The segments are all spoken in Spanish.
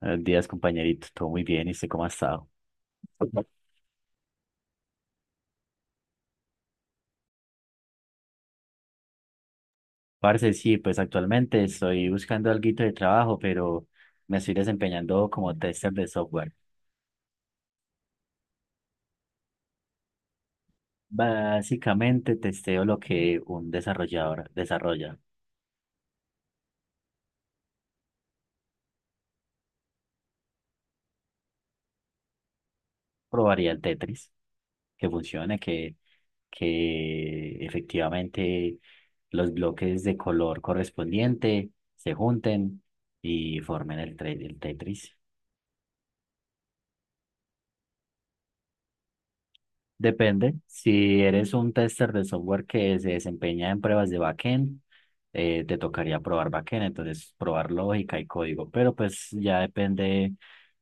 Buenos días, compañerito. Todo muy bien. ¿Y usted cómo ha estado? Parce, sí, pues actualmente estoy buscando alguito de trabajo, pero me estoy desempeñando como tester de software. Básicamente testeo lo que un desarrollador desarrolla. Probaría el Tetris, que funcione, que efectivamente los bloques de color correspondiente se junten y formen el Tetris. Depende. Si eres un tester de software que se desempeña en pruebas de backend, te tocaría probar backend, entonces probar lógica y código. Pero pues ya depende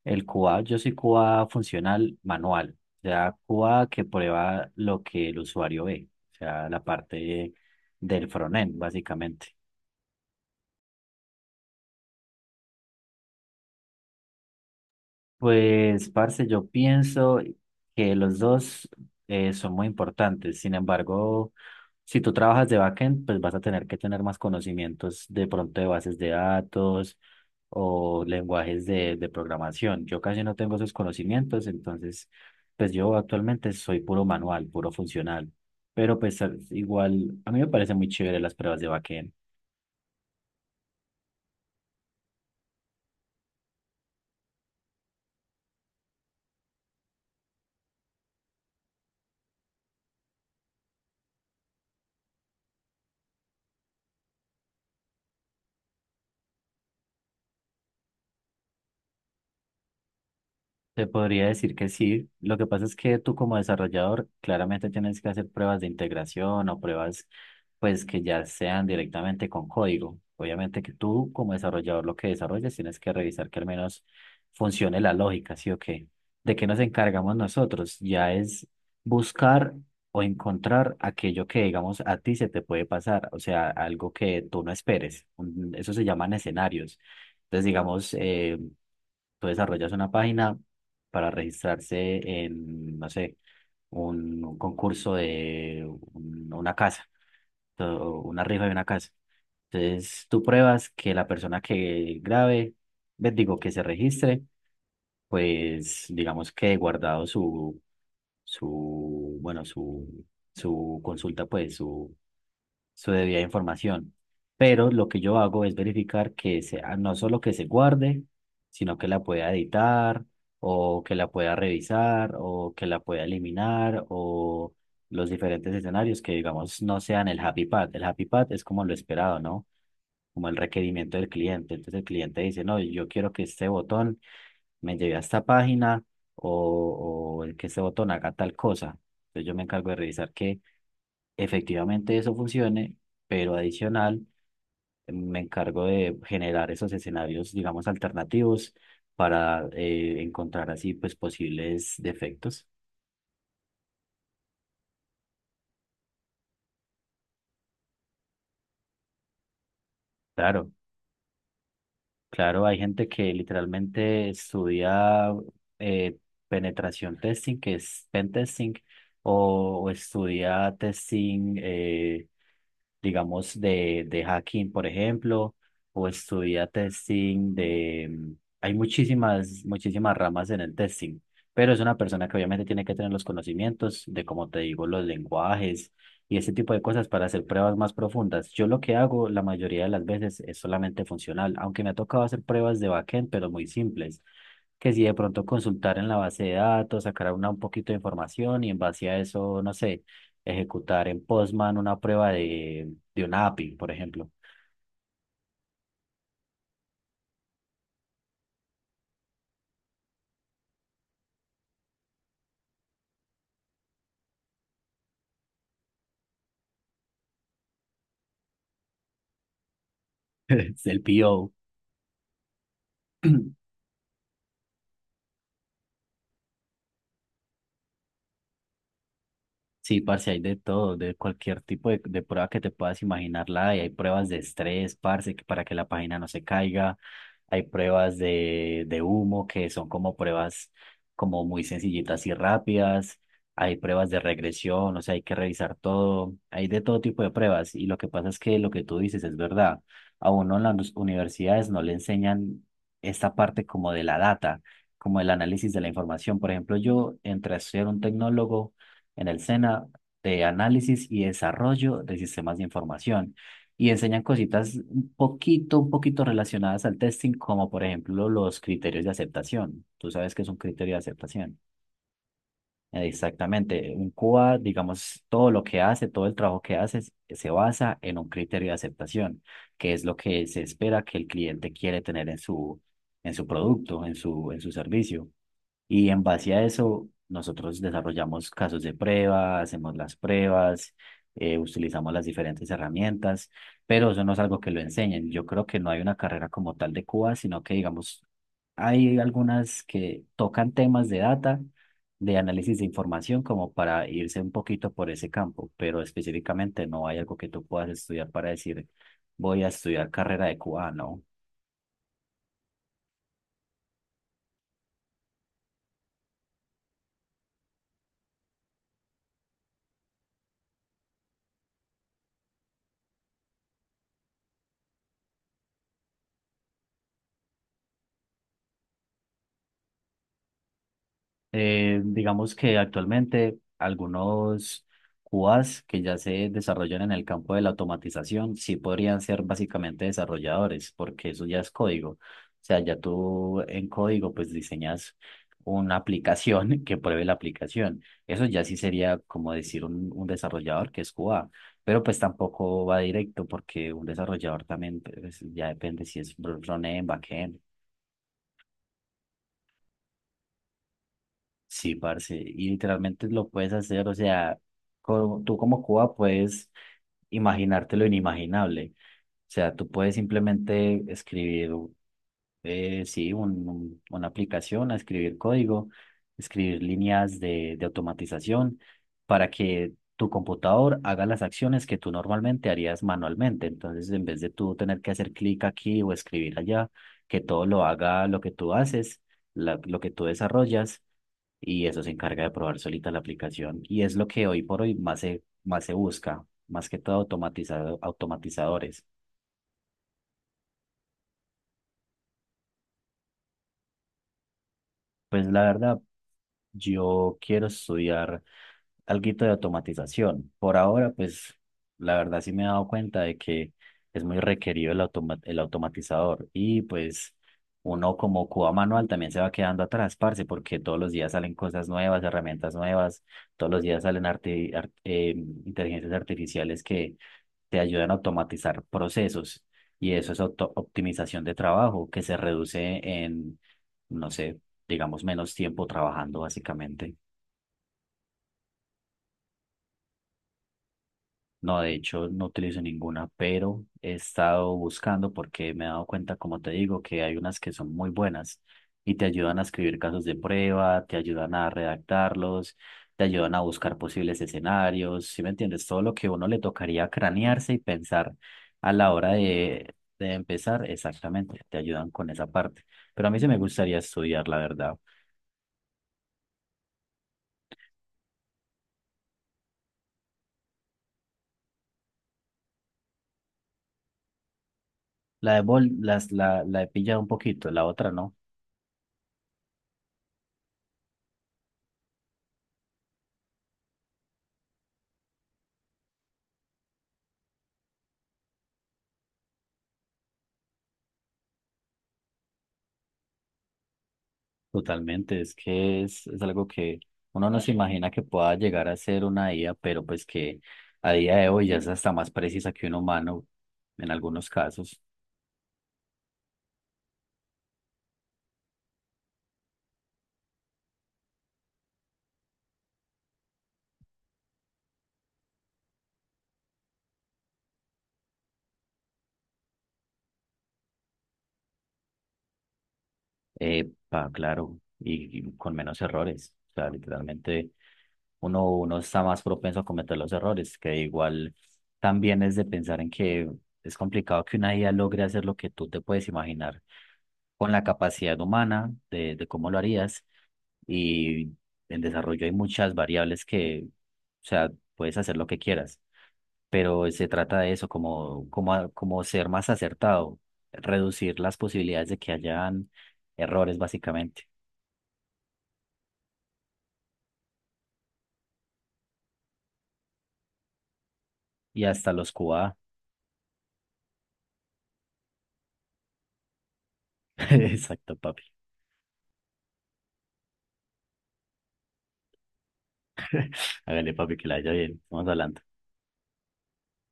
el QA. Yo soy QA funcional manual, o sea, QA que prueba lo que el usuario ve, o sea, la parte del frontend, básicamente. Pues, parce, yo pienso que los dos son muy importantes. Sin embargo, si tú trabajas de backend, pues vas a tener que tener más conocimientos de pronto de bases de datos o lenguajes de programación. Yo casi no tengo esos conocimientos, entonces, pues yo actualmente soy puro manual, puro funcional. Pero pues igual, a mí me parecen muy chévere las pruebas de backend. Te podría decir que sí. Lo que pasa es que tú como desarrollador claramente tienes que hacer pruebas de integración o pruebas pues que ya sean directamente con código. Obviamente que tú como desarrollador lo que desarrollas tienes que revisar que al menos funcione la lógica, ¿sí o qué? ¿De qué nos encargamos nosotros? Ya es buscar o encontrar aquello que digamos a ti se te puede pasar, o sea, algo que tú no esperes. Eso se llaman escenarios. Entonces, digamos, tú desarrollas una página para registrarse en, no sé, un concurso de una casa, o una rifa de una casa. Entonces, tú pruebas que la persona que grabe, ve, digo, que se registre, pues digamos que guardado su su consulta, pues su debida información. Pero lo que yo hago es verificar que sea no solo que se guarde, sino que la pueda editar o que la pueda revisar o que la pueda eliminar o los diferentes escenarios que digamos no sean el happy path. El happy path es como lo esperado, ¿no? Como el requerimiento del cliente. Entonces el cliente dice, no, yo quiero que este botón me lleve a esta página o que este botón haga tal cosa. Entonces yo me encargo de revisar que efectivamente eso funcione, pero adicional me encargo de generar esos escenarios, digamos, alternativos para encontrar así pues posibles defectos. Claro, claro, hay gente que literalmente estudia eh, penetración testing, que es pen testing, o estudia testing, digamos, de hacking, por ejemplo, o estudia testing de... hay muchísimas, muchísimas ramas en el testing, pero es una persona que obviamente tiene que tener los conocimientos de, como te digo, los lenguajes y ese tipo de cosas para hacer pruebas más profundas. Yo lo que hago la mayoría de las veces es solamente funcional, aunque me ha tocado hacer pruebas de backend, pero muy simples que si de pronto consultar en la base de datos, sacar una, un poquito de información y en base a eso, no sé, ejecutar en Postman una prueba de un API, por ejemplo, del PO. Sí, parce, hay de todo, de cualquier tipo de prueba que te puedas imaginar, la hay. Hay pruebas de estrés, parce, que para que la página no se caiga. Hay pruebas de humo, que son como pruebas como muy sencillitas y rápidas. Hay pruebas de regresión, o sea, hay que revisar todo. Hay de todo tipo de pruebas. Y lo que pasa es que lo que tú dices es verdad. A uno en las universidades no le enseñan esta parte como de la data, como el análisis de la información. Por ejemplo, yo entré a estudiar un tecnólogo en el SENA de análisis y desarrollo de sistemas de información. Y enseñan cositas un poquito relacionadas al testing, como por ejemplo los criterios de aceptación. Tú sabes que es un criterio de aceptación. Exactamente. Un QA, digamos, todo lo que hace, todo el trabajo que hace se basa en un criterio de aceptación, que es lo que se espera que el cliente quiere tener en su producto, en su servicio. Y en base a eso, nosotros desarrollamos casos de prueba, hacemos las pruebas, utilizamos las diferentes herramientas, pero eso no es algo que lo enseñen. Yo creo que no hay una carrera como tal de Cuba, sino que, digamos, hay algunas que tocan temas de data, de análisis de información, como para irse un poquito por ese campo, pero específicamente no hay algo que tú puedas estudiar para decir, voy a estudiar carrera de Cuba, no. Digamos que actualmente algunos QAs que ya se desarrollan en el campo de la automatización sí podrían ser básicamente desarrolladores, porque eso ya es código. O sea, ya tú en código pues diseñas una aplicación que pruebe la aplicación. Eso ya sí sería como decir un desarrollador que es QA, pero pues tampoco va directo porque un desarrollador también pues, ya depende si es front-end, backend, sí, parce, y literalmente lo puedes hacer, o sea, tú como Cuba puedes imaginarte lo inimaginable, o sea, tú puedes simplemente escribir, sí, una aplicación, a escribir código, escribir líneas de automatización para que tu computador haga las acciones que tú normalmente harías manualmente, entonces en vez de tú tener que hacer clic aquí o escribir allá, que todo lo haga lo que tú haces, lo que tú desarrollas y eso se encarga de probar solita la aplicación. Y es lo que hoy por hoy más se busca, más que todo automatizado, automatizadores. Pues la verdad, yo quiero estudiar alguito de automatización. Por ahora, pues la verdad sí me he dado cuenta de que es muy requerido el automatizador y pues... Uno como cuba manual también se va quedando atrás, parce, porque todos los días salen cosas nuevas, herramientas nuevas, todos los días salen inteligencias artificiales que, te ayudan a automatizar procesos y eso es optimización de trabajo que se reduce en, no sé, digamos, menos tiempo trabajando básicamente. No, de hecho no utilizo ninguna, pero he estado buscando porque me he dado cuenta, como te digo, que hay unas que son muy buenas y te ayudan a escribir casos de prueba, te ayudan a redactarlos, te ayudan a buscar posibles escenarios, ¿sí me entiendes? Todo lo que a uno le tocaría cranearse y pensar a la hora de empezar, exactamente, te ayudan con esa parte. Pero a mí sí me gustaría estudiar, la verdad. La de bol, la he pillado un poquito, la otra no. Totalmente, es que es algo que uno no se imagina que pueda llegar a ser una IA, pero pues que a día de hoy ya es hasta más precisa que un humano en algunos casos, eh, claro, y con menos errores. O sea, literalmente uno está más propenso a cometer los errores, que igual también es de pensar en que es complicado que una IA logre hacer lo que tú te puedes imaginar con la capacidad humana de cómo lo harías. Y en desarrollo hay muchas variables que, o sea, puedes hacer lo que quieras, pero se trata de eso, como ser más acertado, reducir las posibilidades de que hayan errores, básicamente. Y hasta los QA. Exacto, papi. Hágale, papi, que la haya bien. Vamos hablando.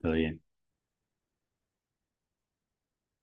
Todo bien.